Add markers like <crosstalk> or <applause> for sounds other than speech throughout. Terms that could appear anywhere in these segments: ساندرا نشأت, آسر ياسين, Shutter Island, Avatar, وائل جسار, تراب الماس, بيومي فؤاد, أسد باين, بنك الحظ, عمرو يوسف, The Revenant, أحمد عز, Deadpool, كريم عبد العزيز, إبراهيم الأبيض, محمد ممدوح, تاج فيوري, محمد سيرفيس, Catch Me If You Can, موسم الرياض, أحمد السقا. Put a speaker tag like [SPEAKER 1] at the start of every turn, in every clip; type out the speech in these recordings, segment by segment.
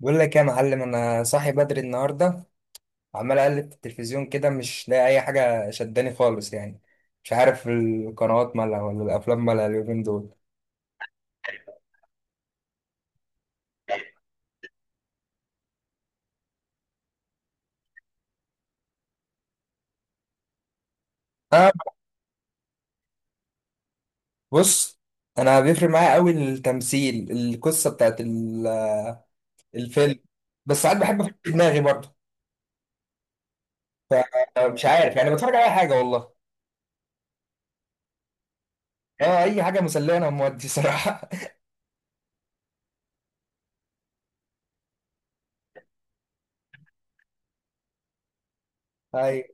[SPEAKER 1] بقول لك يا معلم، انا صاحي بدري النهارده. عمال اقلب في التلفزيون كده، مش لاقي اي حاجه شداني خالص يعني. مش عارف القنوات مالها ولا الافلام مالها اليومين دول. انا، بص. انا بيفرق معايا قوي، التمثيل، القصه بتاعت الفيلم. بس ساعات بحب افكر في دماغي برضه. فمش عارف يعني، بتفرج على اي حاجه والله. اه، اي حاجه مسليه، انا مودي صراحه. <laughs> ايوه.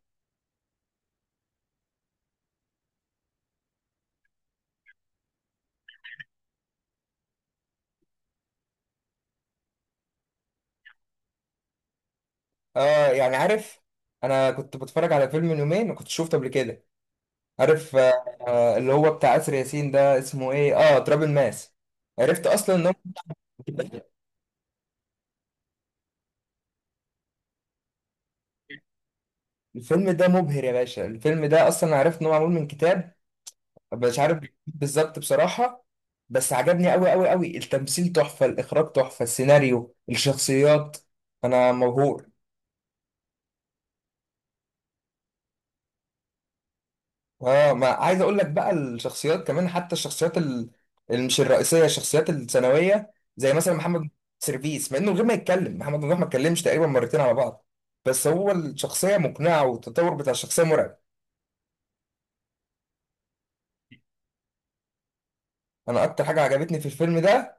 [SPEAKER 1] اه، يعني عارف. انا كنت بتفرج على فيلم من يومين، ما كنتش شفته قبل كده. عارف اللي هو بتاع آسر ياسين ده اسمه ايه، تراب الماس. عرفت اصلا ان هو. الفيلم ده مبهر يا باشا. الفيلم ده اصلا عرفت ان هو معمول من كتاب. مش عارف بالظبط بصراحة. بس عجبني قوي قوي قوي، التمثيل تحفة، الاخراج تحفة، السيناريو، الشخصيات. انا مبهور. اه، ما عايز اقول لك بقى الشخصيات كمان، حتى الشخصيات اللي مش الرئيسيه، الشخصيات الثانويه زي مثلا محمد سيرفيس، مع انه من غير ما يتكلم، محمد ممدوح ما اتكلمش تقريبا مرتين على بعض. بس هو الشخصيه مقنعه، والتطور بتاع الشخصيه مرعب. انا اكتر حاجه عجبتني في الفيلم ده،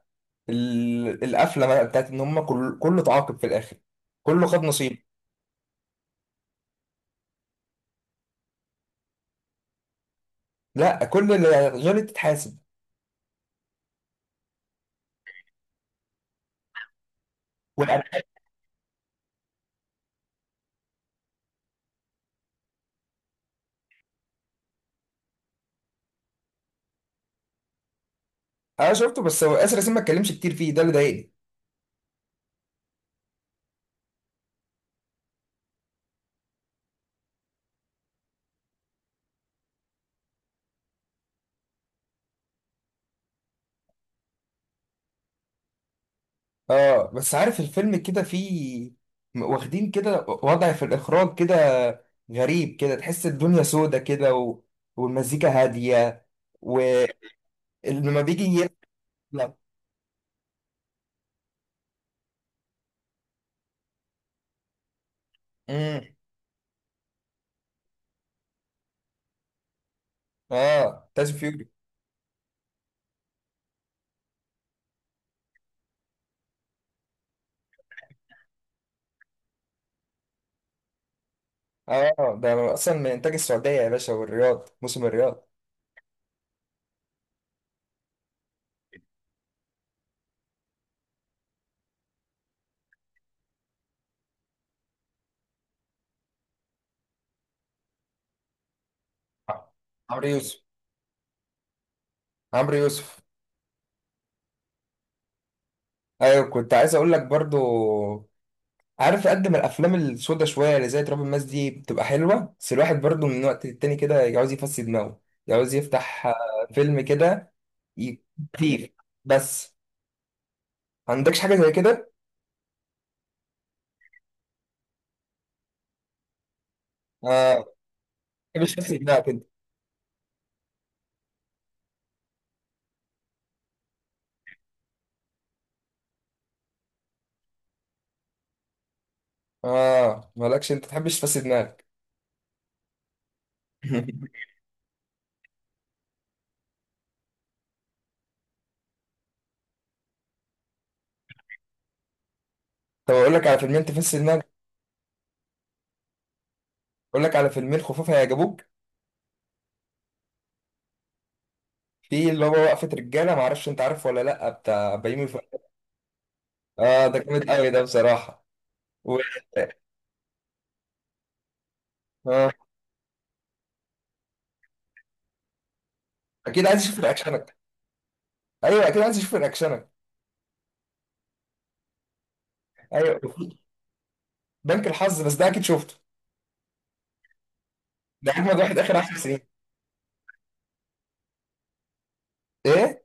[SPEAKER 1] القفله بقى بتاعت ان هم كل، كله اتعاقب في الاخر. كله خد نصيب. لا، كل اللي غلط اتحاسب. والألعاب. انا شفته، بس هو اسر ياسين ما اتكلمش كتير فيه، ده اللي ضايقني. اه، بس عارف الفيلم كده فيه، واخدين كده وضع في الإخراج كده غريب، كده تحس الدنيا سودة كده، و... والمزيكا هادية. ولما <laughs> بيجي يطلع. امم. اه، تاج فيوري. اه، ده اصلا من انتاج السعودية يا باشا، والرياض، موسم الرياض. عمرو يوسف. عمرو يوسف. ايوه، كنت عايز اقول لك برضو. عارف، قد ما الافلام السودة شويه اللي زي تراب الماس دي بتبقى حلوه، بس الواحد برضو من وقت للتاني كده يعوز يفسي دماغه. يعوز يفتح فيلم كده، ي- خفيف بس. ما عندكش حاجه زي كده؟ <laughs> اه. ما تحبش تفسي دماغك انت؟ اه، مالكش؟ انت تحبش تفسي دماغك. <laughs> طب اقول لك على فيلمين تفسي دماغك. اقول لك على فيلمين خفاف هيعجبوك. في اللي هو وقفه رجاله، ما اعرفش انت عارفه ولا لا، بتاع بيومي فؤاد. اه، ده جامد قوي ده بصراحه. و. آه. اكيد عايز اشوف رياكشنك. ايوه، اكيد عايز اشوف رياكشنك. ايوه. بنك الحظ، بس ده اكيد شفته. ده اجمد واحد اخر 10 سنين. ايه؟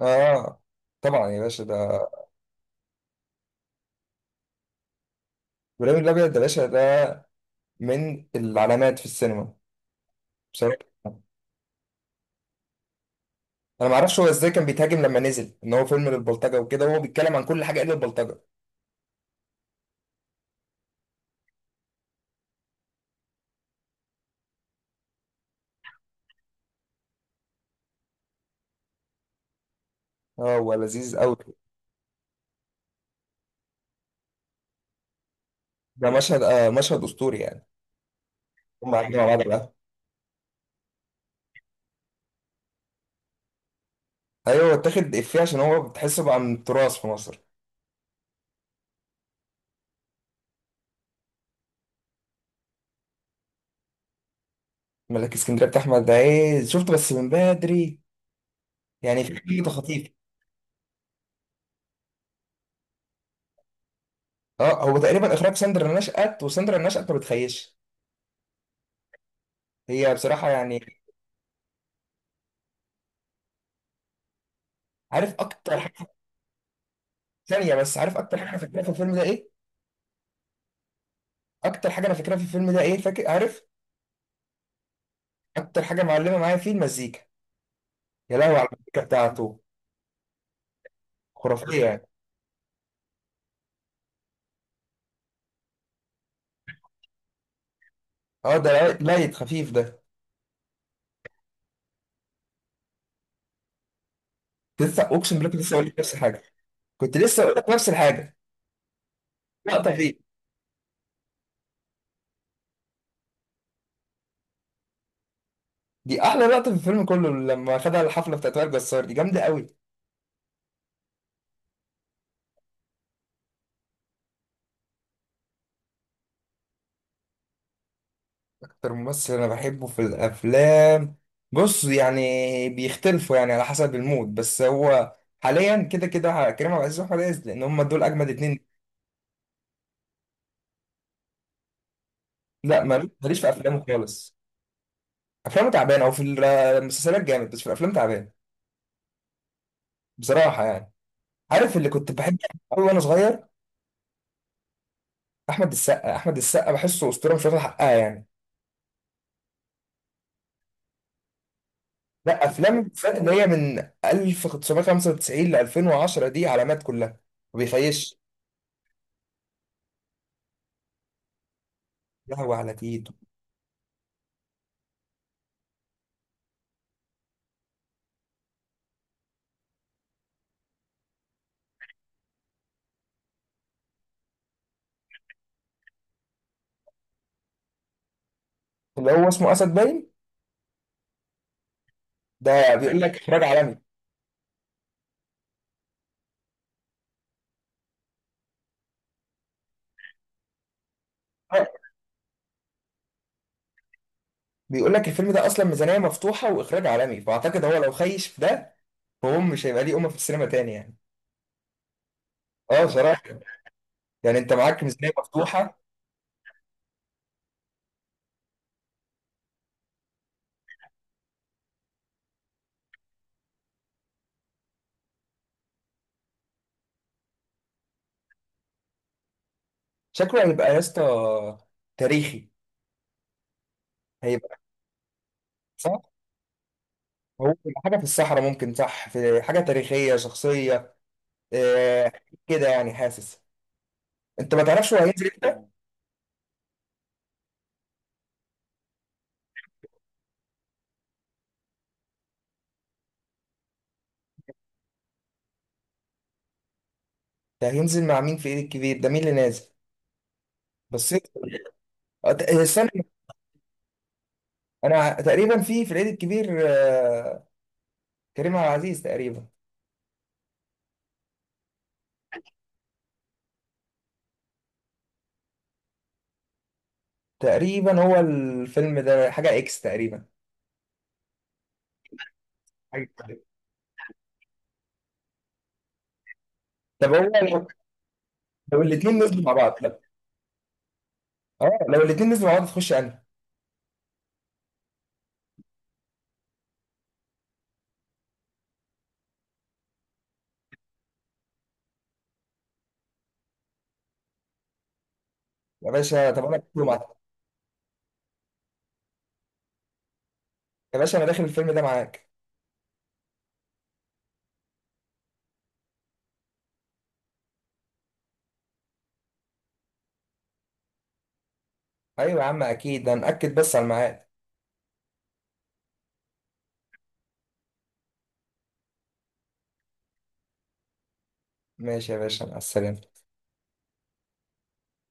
[SPEAKER 1] اه، طبعا يا باشا، ده ابراهيم الابيض ده باشا، ده من العلامات في السينما بصراحه. انا ما اعرفش هو ازاي كان بيتهاجم لما نزل، ان هو فيلم للبلطجه وكده، وهو بيتكلم عن كل حاجه الا البلطجه. اه، هو لذيذ قوي. ده مشهد، مشهد اسطوري يعني. هم قاعدين مع بعض بقى. ايوه، اتاخد افيه عشان هو بتحسه بقى من التراث في مصر. ملك اسكندريه بتاع احمد عز شفته بس من بدري، يعني في حاجه خطيف. اه، هو تقريبا اخراج ساندرا نشأت، وساندرا نشأت ما بتخيش. هي بصراحه يعني. عارف اكتر حاجه؟ ثانيه بس، عارف اكتر حاجه انا فاكرها في الفيلم ده ايه؟ اكتر حاجه انا فاكرها في الفيلم ده ايه، فاكر؟ عارف؟ اكتر حاجه معلمه معايا فيه المزيكا. يا لهوي على المزيكا بتاعته! خرافيه يعني. اه، ده لايت، خفيف ده. لسه، اقسم بالله كنت لسه اقول لك نفس الحاجه. كنت لسه اقول لك نفس الحاجه. لقطه فيه. دي احلى لقطه في الفيلم كله، لما خدها، الحفله بتاعت وائل جسار دي جامده قوي. أكتر ممثل أنا بحبه في الأفلام؟ بص يعني، بيختلفوا يعني على حسب المود، بس هو حاليا كده كده كريم عبد العزيز وأحمد عز، لأن هما دول أجمد اتنين. لا، ماليش في أفلامه خالص. أفلامه تعبانة، أو في المسلسلات جامد بس في الأفلام تعبان، بصراحة يعني. عارف اللي كنت بحب أوي وأنا صغير؟ أحمد السقا، أحمد السقا بحسه أسطورة، مش واخد حقها يعني. لا، أفلام بالذات اللي هي من 1995 ل 2010 دي علامات كلها، ما بيخيش. لهوي على تيتو! اللي هو اسمه أسد، باين ده بيقول لك اخراج عالمي. آه، بيقول لك الفيلم ده اصلا ميزانيه مفتوحه واخراج عالمي، فاعتقد هو لو خيش في ده، فهو مش هيبقى ليه امه في السينما تاني يعني. اه، صراحه. يعني انت معاك ميزانيه مفتوحه. شكله هيبقى يا اسطى تاريخي، هيبقى. صح. هو هيبقى حاجه في الصحراء ممكن، صح، في حاجه تاريخيه، شخصيه. آه. كده يعني، حاسس. انت ما تعرفش هو هينزل امتى؟ ده هينزل مع مين في العيد الكبير؟ ده مين اللي نازل؟ بس استنى. انا تقريبا في العيد الكبير، كريم عبد العزيز تقريبا. تقريبا هو الفيلم ده حاجة إكس تقريبا، حاجة كده. طب هو، لو لو الاتنين نزلوا مع بعض، لا. اه، لو الاتنين نزلوا مع بعض تخش أنا. يا باشا، طب أنا داخله معاك. يا باشا، أنا داخل الفيلم ده معاك. أيوة يا عم، أكيد، ده نأكد بس على الميعاد. ماشي يا باشا، مع السلامة.